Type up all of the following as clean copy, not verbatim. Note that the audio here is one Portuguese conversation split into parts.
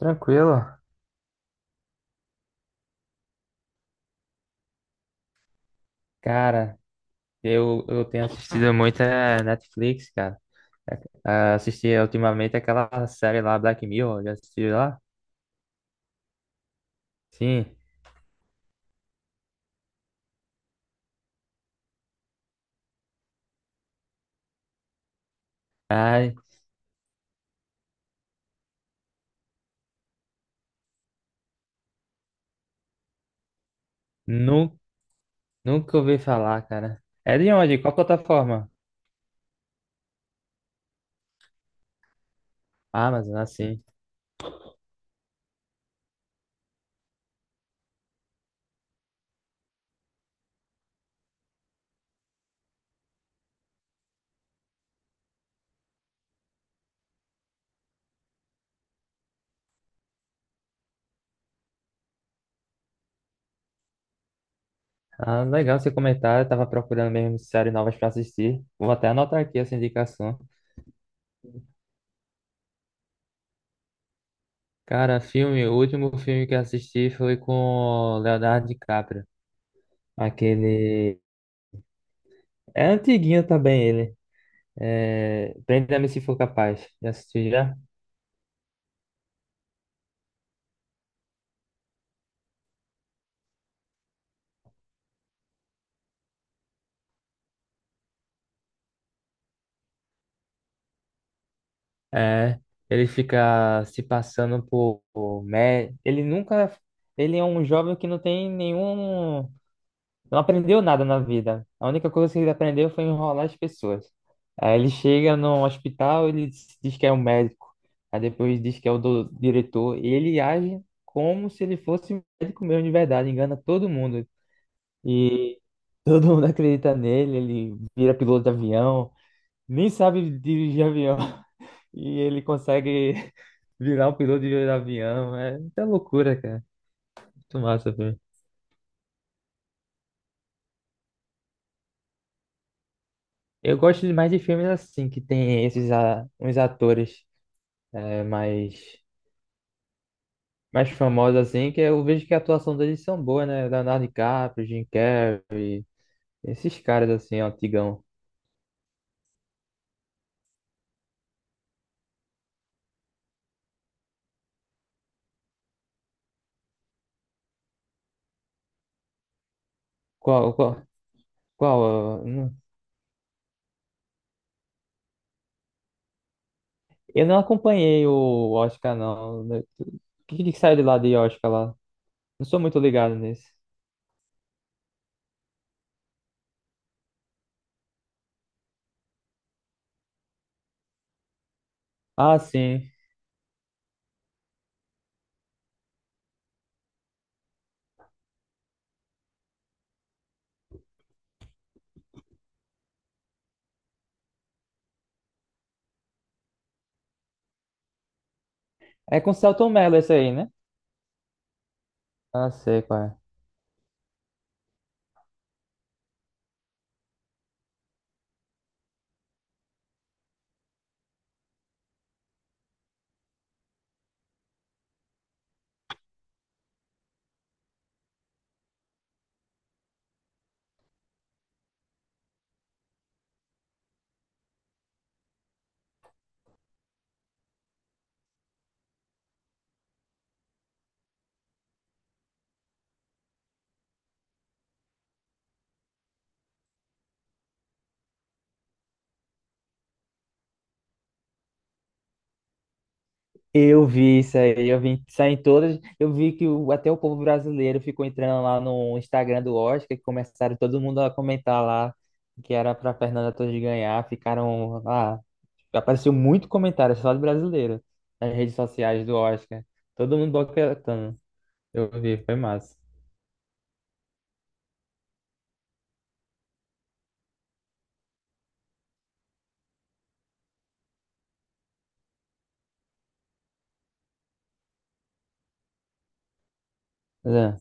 Tranquilo. Cara, eu tenho assistido muita Netflix, cara. Assisti ultimamente aquela série lá, Black Mirror, já assistiu lá? Sim. Ai, nu, Nunca ouvi falar, cara. É de onde? Qual plataforma? Amazon, assim. Ah, legal seu comentário. Eu tava procurando mesmo séries novas pra assistir. Vou até anotar aqui essa indicação. Cara, filme, o último filme que eu assisti foi com o Leonardo DiCaprio. Aquele. É antiguinho também ele. É, Prenda-me se for capaz. Já assistiu já? É, ele fica se passando ele nunca, ele é um jovem que não tem nenhum, não aprendeu nada na vida. A única coisa que ele aprendeu foi enrolar as pessoas. Aí ele chega no hospital, ele se diz que é um médico, aí depois diz que é o diretor, e ele age como se ele fosse um médico mesmo de verdade, engana todo mundo. E todo mundo acredita nele, ele vira piloto de avião. Nem sabe dirigir avião e ele consegue virar um piloto de avião. É muita loucura, cara. Muito massa, velho. Eu gosto mais de filmes assim, que tem esses uns atores é, mais, mais famosos, assim, que eu vejo que a atuação deles são boas, né? Leonardo DiCaprio, Jim Carrey, esses caras assim, antigão. Qual, qual, Qual? Eu não acompanhei o Oscar, não. O que que saiu de lá de Oscar lá? Não sou muito ligado nisso. Ah, sim. É com Selton Mello esse aí, né? Ah, sei qual é. Eu vi isso aí, eu vi isso aí em todas. Eu vi que até o povo brasileiro ficou entrando lá no Instagram do Oscar, que começaram todo mundo a comentar lá que era para Fernanda Torres ganhar. Ficaram lá. Apareceu muito comentário só de brasileiro nas redes sociais do Oscar. Todo mundo boicotando. Eu vi, foi massa. Mas, é,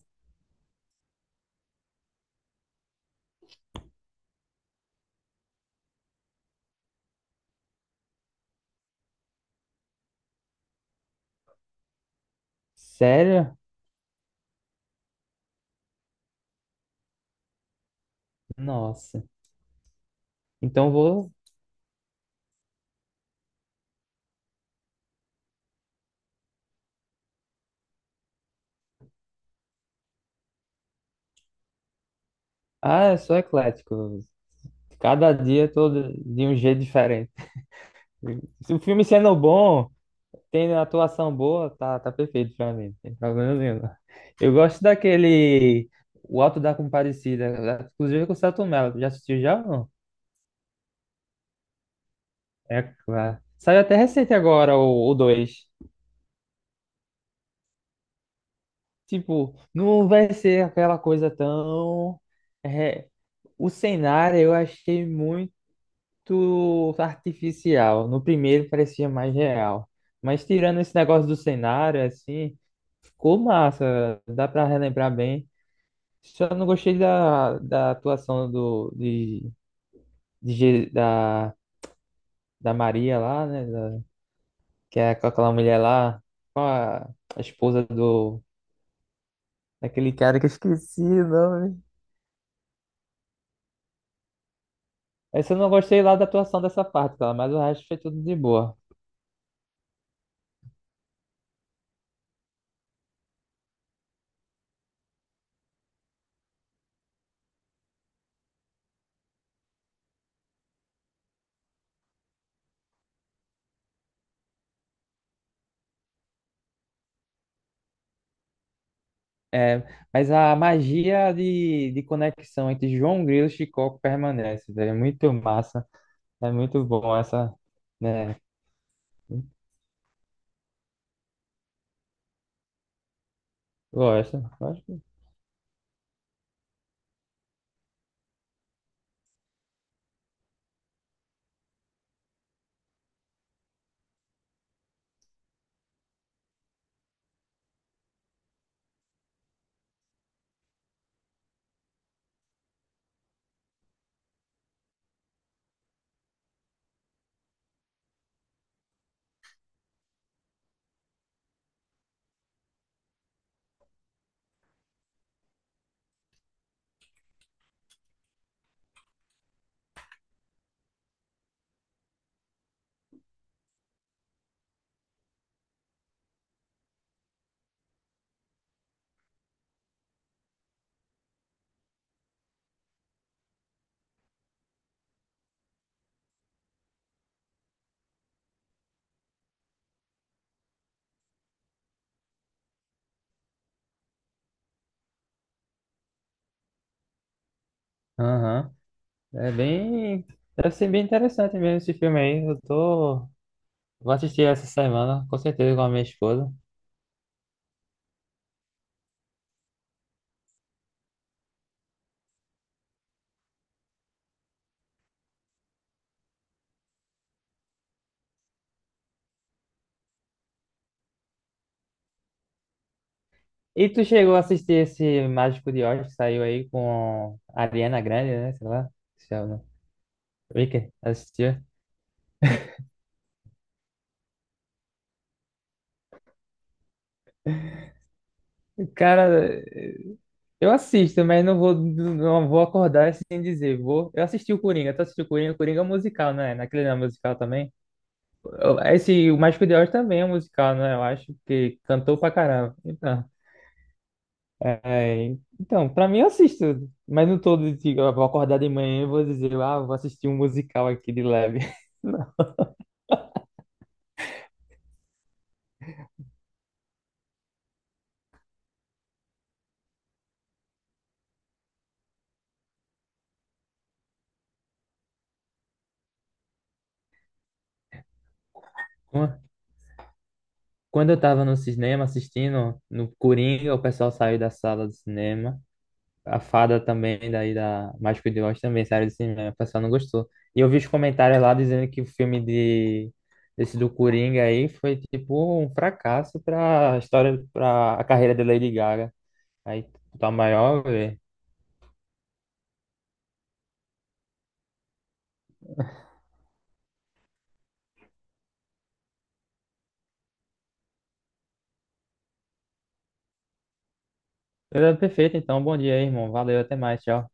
Sério? Nossa. Então vou. Ah, eu sou eclético. Cada dia eu tô de um jeito diferente. Se o filme sendo bom, tendo atuação boa, tá perfeito pra mim. Não tem problema nenhum. Eu gosto daquele O Auto da Compadecida, inclusive com o Selton Mello. Já assistiu já ou não? É claro. Saiu até recente agora o dois. Tipo, não vai ser aquela coisa tão. é, O cenário eu achei muito artificial. No primeiro parecia mais real. Mas tirando esse negócio do cenário, assim, ficou massa. Dá pra relembrar bem. Só não gostei da atuação do, de Je- da, da Maria lá, né? Que é com aquela mulher lá, com a esposa do, daquele cara que eu esqueci o nome. Essa eu não gostei lá da atuação dessa parte, tá? Mas o resto foi tudo de boa. É, mas a magia de conexão entre João Grilo e Chicoco permanece, velho. É muito massa. É muito bom essa, né? Gosto, gosto. Aham. É bem. Deve ser bem interessante mesmo esse filme aí. Eu tô. Vou assistir essa semana, com certeza, com a minha esposa. E tu chegou a assistir esse Mágico de Oz que saiu aí com a Ariana Grande, né? Sei lá. Se chama. Wicked, assistiu? Cara, eu assisto, mas não vou acordar sem dizer. Vou. Eu assisti o Coringa, tu assistiu o Coringa? O Coringa é um musical, né? Naquele não é musical também. Esse, o Mágico de Oz também é um musical, né? Eu acho que cantou pra caramba. É, então, pra mim eu assisto, mas não todo dia. Eu vou acordar de manhã e vou dizer, ah, vou assistir um musical aqui de leve. Não. Quan- Quando eu tava no cinema assistindo, no Coringa, o pessoal saiu da sala do cinema. A fada também, daí da Mágico de Oz também, série de cinema, o pessoal não gostou. E eu vi os comentários lá dizendo que o filme de desse do Coringa aí foi tipo um fracasso pra história, pra a carreira de Lady Gaga. Aí tá maior, velho. Ele é perfeito, então bom dia aí, irmão. Valeu, até mais, tchau.